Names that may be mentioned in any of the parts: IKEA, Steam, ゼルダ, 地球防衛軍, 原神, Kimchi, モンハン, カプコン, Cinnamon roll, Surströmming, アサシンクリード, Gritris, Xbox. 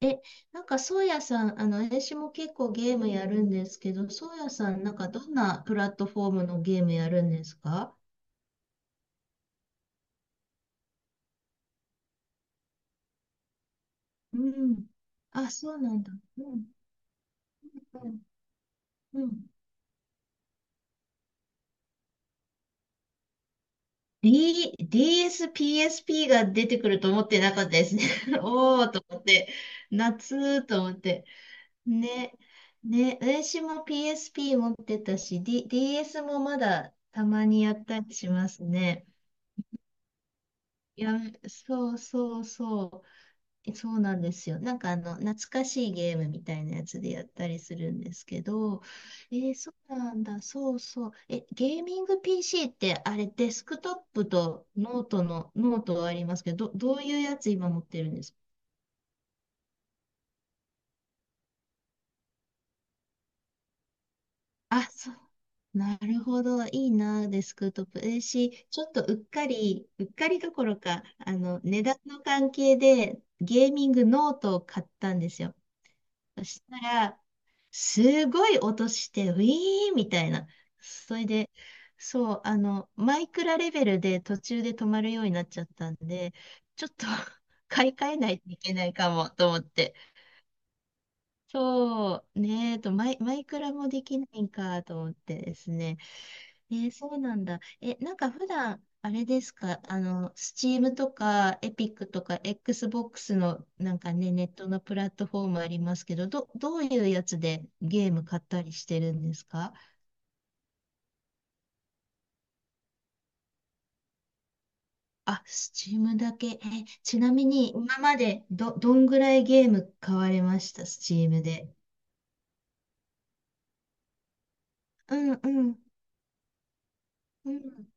え、なんか、そうやさん、あの、私も結構ゲームやるんですけど、そうやさん、なんか、どんなプラットフォームのゲームやるんですか？うん。あ、そうなんだ。うん、うん。うん、 DS、PSP が出てくると思ってなかったですね。おーと思って、夏と思って。ね、ね、私も PSP 持ってたし、DS もまだたまにやったりしますね。いや、そうそうそう。そうなんですよ。なんか、あの、懐かしいゲームみたいなやつでやったりするんですけど、えー、そうなんだ、そうそう。え、ゲーミング PC ってあれ、デスクトップとノートの、ノートはありますけど、どういうやつ今持ってるんですか？あ、そう。なるほど。いいな、デスクトップ。えーし、ちょっとうっかり、うっかりどころか、あの、値段の関係でゲーミングノートを買ったんですよ。そしたら、すごい音して、ウィーンみたいな。それで、そう、あの、マイクラレベルで途中で止まるようになっちゃったんで、ちょっと 買い替えないといけないかもと思って。そう、ねえと、マイクラもできないんかと思ってですね。えー、そうなんだ。え、なんか普段、あれですか、あの、Steam とか、エピックとか、Xbox の、なんかね、ネットのプラットフォームありますけど、どういうやつでゲーム買ったりしてるんですか？あ、Steam だけ。え、ちなみに、今までどんぐらいゲーム買われました？ Steam で。うん、うん、うん、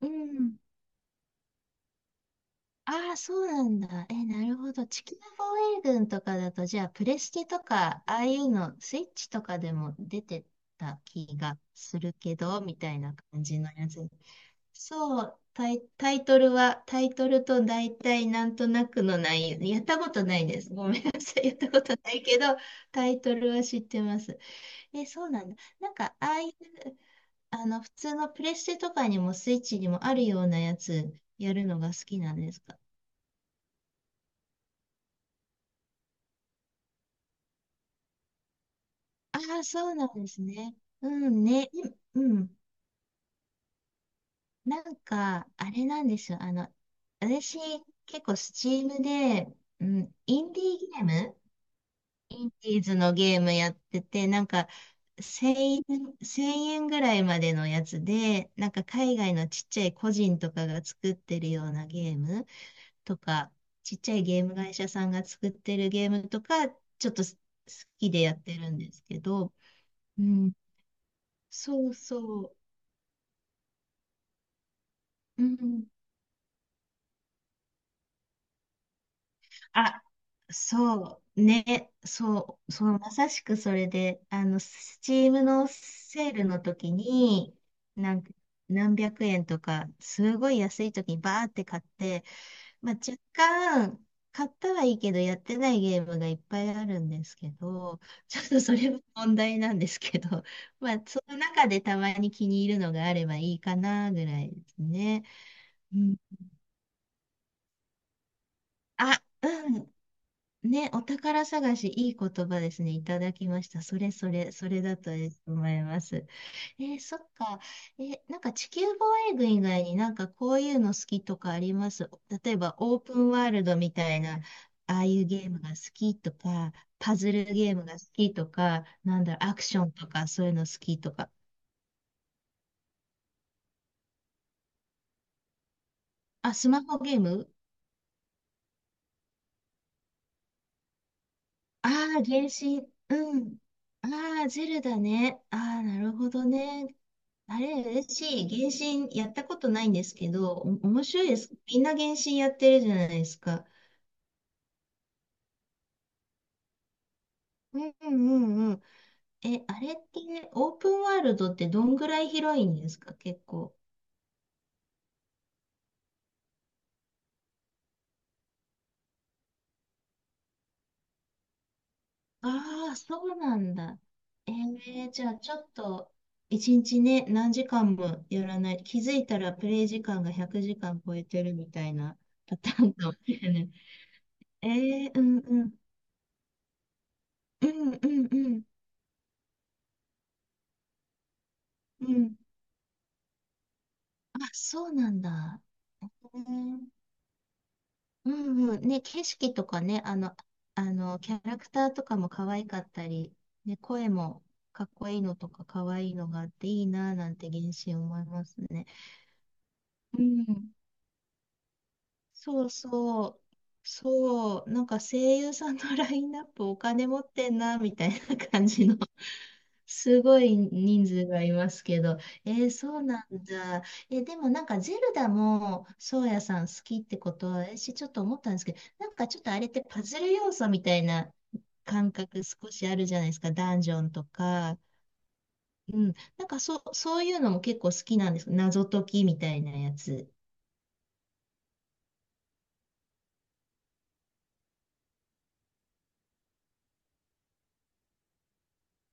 うん。ああ、そうなんだ。え、なるほど。地球防衛軍とかだと、じゃあ、プレステとか、ああいうの、スイッチとかでも出てた気がするけど、みたいな感じのやつ。そう、タイトルは、タイトルと大体なんとなくの内容、やったことないです。ごめんなさい。やったことないけど、タイトルは知ってます。え、そうなんだ。なんか、ああいう、あの、普通のプレステとかにもスイッチにもあるようなやつ、やるのが好きなんですか？ああ、そうなんですね。うんね、で、うん。なんか、あれなんですよ。あの、私、結構スチームで、うん、インディーズのゲームやってて、なんか、1000円、1円ぐらいまでのやつで、なんか海外のちっちゃい個人とかが作ってるようなゲームとか、ちっちゃいゲーム会社さんが作ってるゲームとか、ちょっと好きでやってるんですけど、うん、そうそう。うん。あ、そう、ね、そう、そう、まさしくそれで、あの、スチームのセールの時に、なんか、何百円とか、すごい安い時にバーって買って、まあ、若干、買ったはいいけど、やってないゲームがいっぱいあるんですけど、ちょっとそれも問題なんですけど、まあ、その中でたまに気に入るのがあればいいかな、ぐらいですね。うん。あ、うん。ね、お宝探し、いい言葉ですね。いただきました。それそれ、それだと思います。えー、そっか。えー、なんか地球防衛軍以外になんかこういうの好きとかあります？例えばオープンワールドみたいな、ああいうゲームが好きとか、パズルゲームが好きとか、なんだろう、アクションとか、そういうの好きとか。あ、スマホゲーム。ああー、原神。うん。ああ、ゼルダね。ああ、なるほどね。あれ嬉し、原神やったことないんですけど、お、面白いです。みんな原神やってるじゃないですか。うんうんうん。え、あれってオープンワールドってどんぐらい広いんですか？結構。ああ、そうなんだ。えー、じゃあちょっと、一日ね、何時間もやらない。気づいたらプレイ時間が100時間超えてるみたいなパターンかもしれない。えー、うんうん。うんうんうん。うん。あ、そうなんだ。えー、うんうん。ね、景色とかね、あの、キャラクターとかも可愛かったり、ね、声もかっこいいのとか可愛いのがあっていいなぁなんて原神思いますね。うん。そうそう。そう。なんか声優さんのラインナップお金持ってんなみたいな感じの。すごい人数がいますけど、えー、そうなんだ。えー、でもなんかゼルダも、そうやさん好きってことは、私ちょっと思ったんですけど、なんかちょっとあれってパズル要素みたいな感覚少しあるじゃないですか、ダンジョンとか。うん、なんかそう、そういうのも結構好きなんです、謎解きみたいなやつ。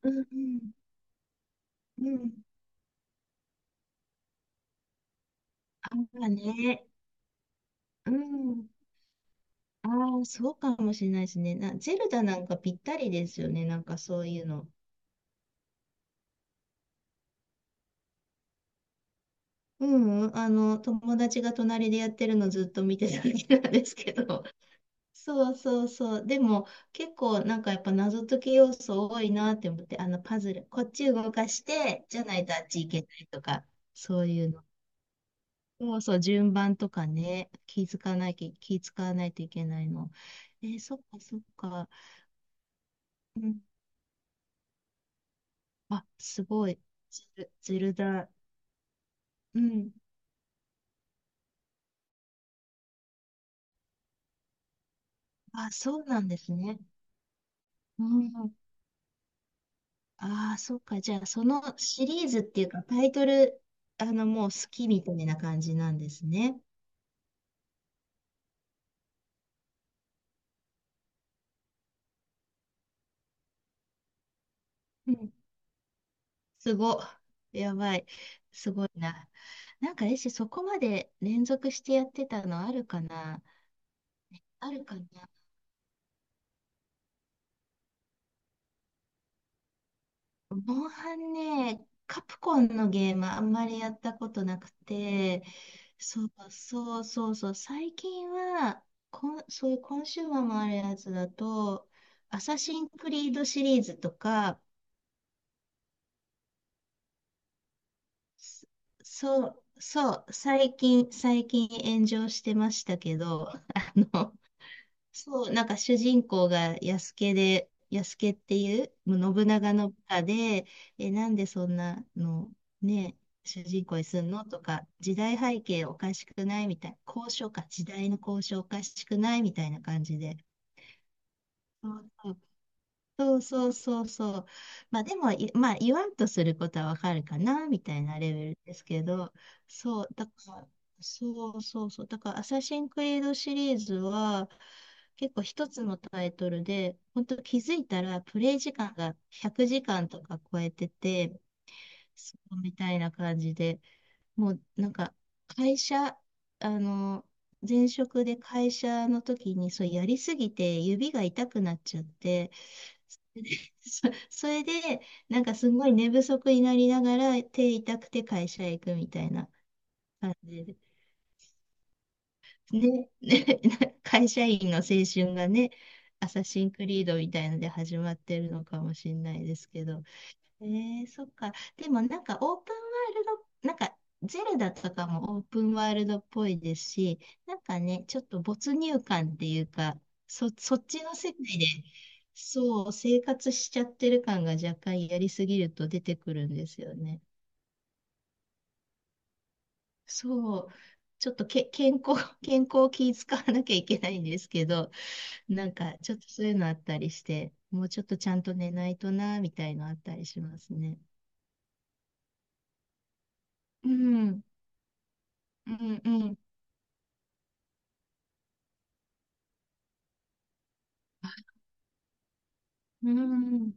うんうんうん。ああね。うん。ああ、そうかもしれないですね。な、ゼルダなんかぴったりですよね。なんかそういうの。ううん、あの、友達が隣でやってるのずっと見てただけなんですけど。そうそうそう。でも、結構なんかやっぱ謎解き要素多いなって思って、あのパズル、こっち動かして、じゃないとあっち行けないとか、そういうの。そうそう、順番とかね、気づかなきゃ、気使わないといけないの。えー、そっかそっか。うん。あ、すごい。ゼルダ。うん。あ、そうなんですね。うん。ああ、そっか。じゃあ、そのシリーズっていうか、タイトル、あの、もう好きみたいな感じなんですね。うん。すご。やばい。すごいな。なんか、えし、そこまで連続してやってたのあるかな？あるかな？モンハンね、カプコンのゲームあんまりやったことなくて、そうそうそうそう、最近は、こん、そういうコンシューマーもあるやつだと、アサシンクリードシリーズとか、そそう、そう、最近、最近炎上してましたけど、あの、そう、なんか主人公が安家で、安家っていう信長の部下で、え、なんでそんなの、ね、主人公にすんのとか、時代背景おかしくない、みたいな、交渉か、時代の交渉おかしくない、みたいな感じで、そうそうそうそうそう。まあでもい、まあ言わんとすることはわかるかな、みたいなレベルですけど、そう、だから、そうそうそう。だから、アサシンクリードシリーズは、結構一つのタイトルで、本当気づいたらプレイ時間が100時間とか超えてて、そうみたいな感じで、もうなんか会社、あの、前職で会社の時にそうやりすぎて指が痛くなっちゃって、そ それで、なんかすごい寝不足になりながら手痛くて会社へ行くみたいな感じで。ね、ね、会社員の青春がね、アサシンクリードみたいので始まってるのかもしれないですけど。えー、そっか。でもなんかオープンワールド、なんかゼルダとかもオープンワールドっぽいですし、なんかね、ちょっと没入感っていうか、そっちの世界で、そう、生活しちゃってる感が若干やりすぎると出てくるんですよね。そう、ちょっと健康、健康を気遣わなきゃいけないんですけど、なんかちょっとそういうのあったりして、もうちょっとちゃんと寝ないとな、みたいのあったりしますね。うん、うん、うん。うん。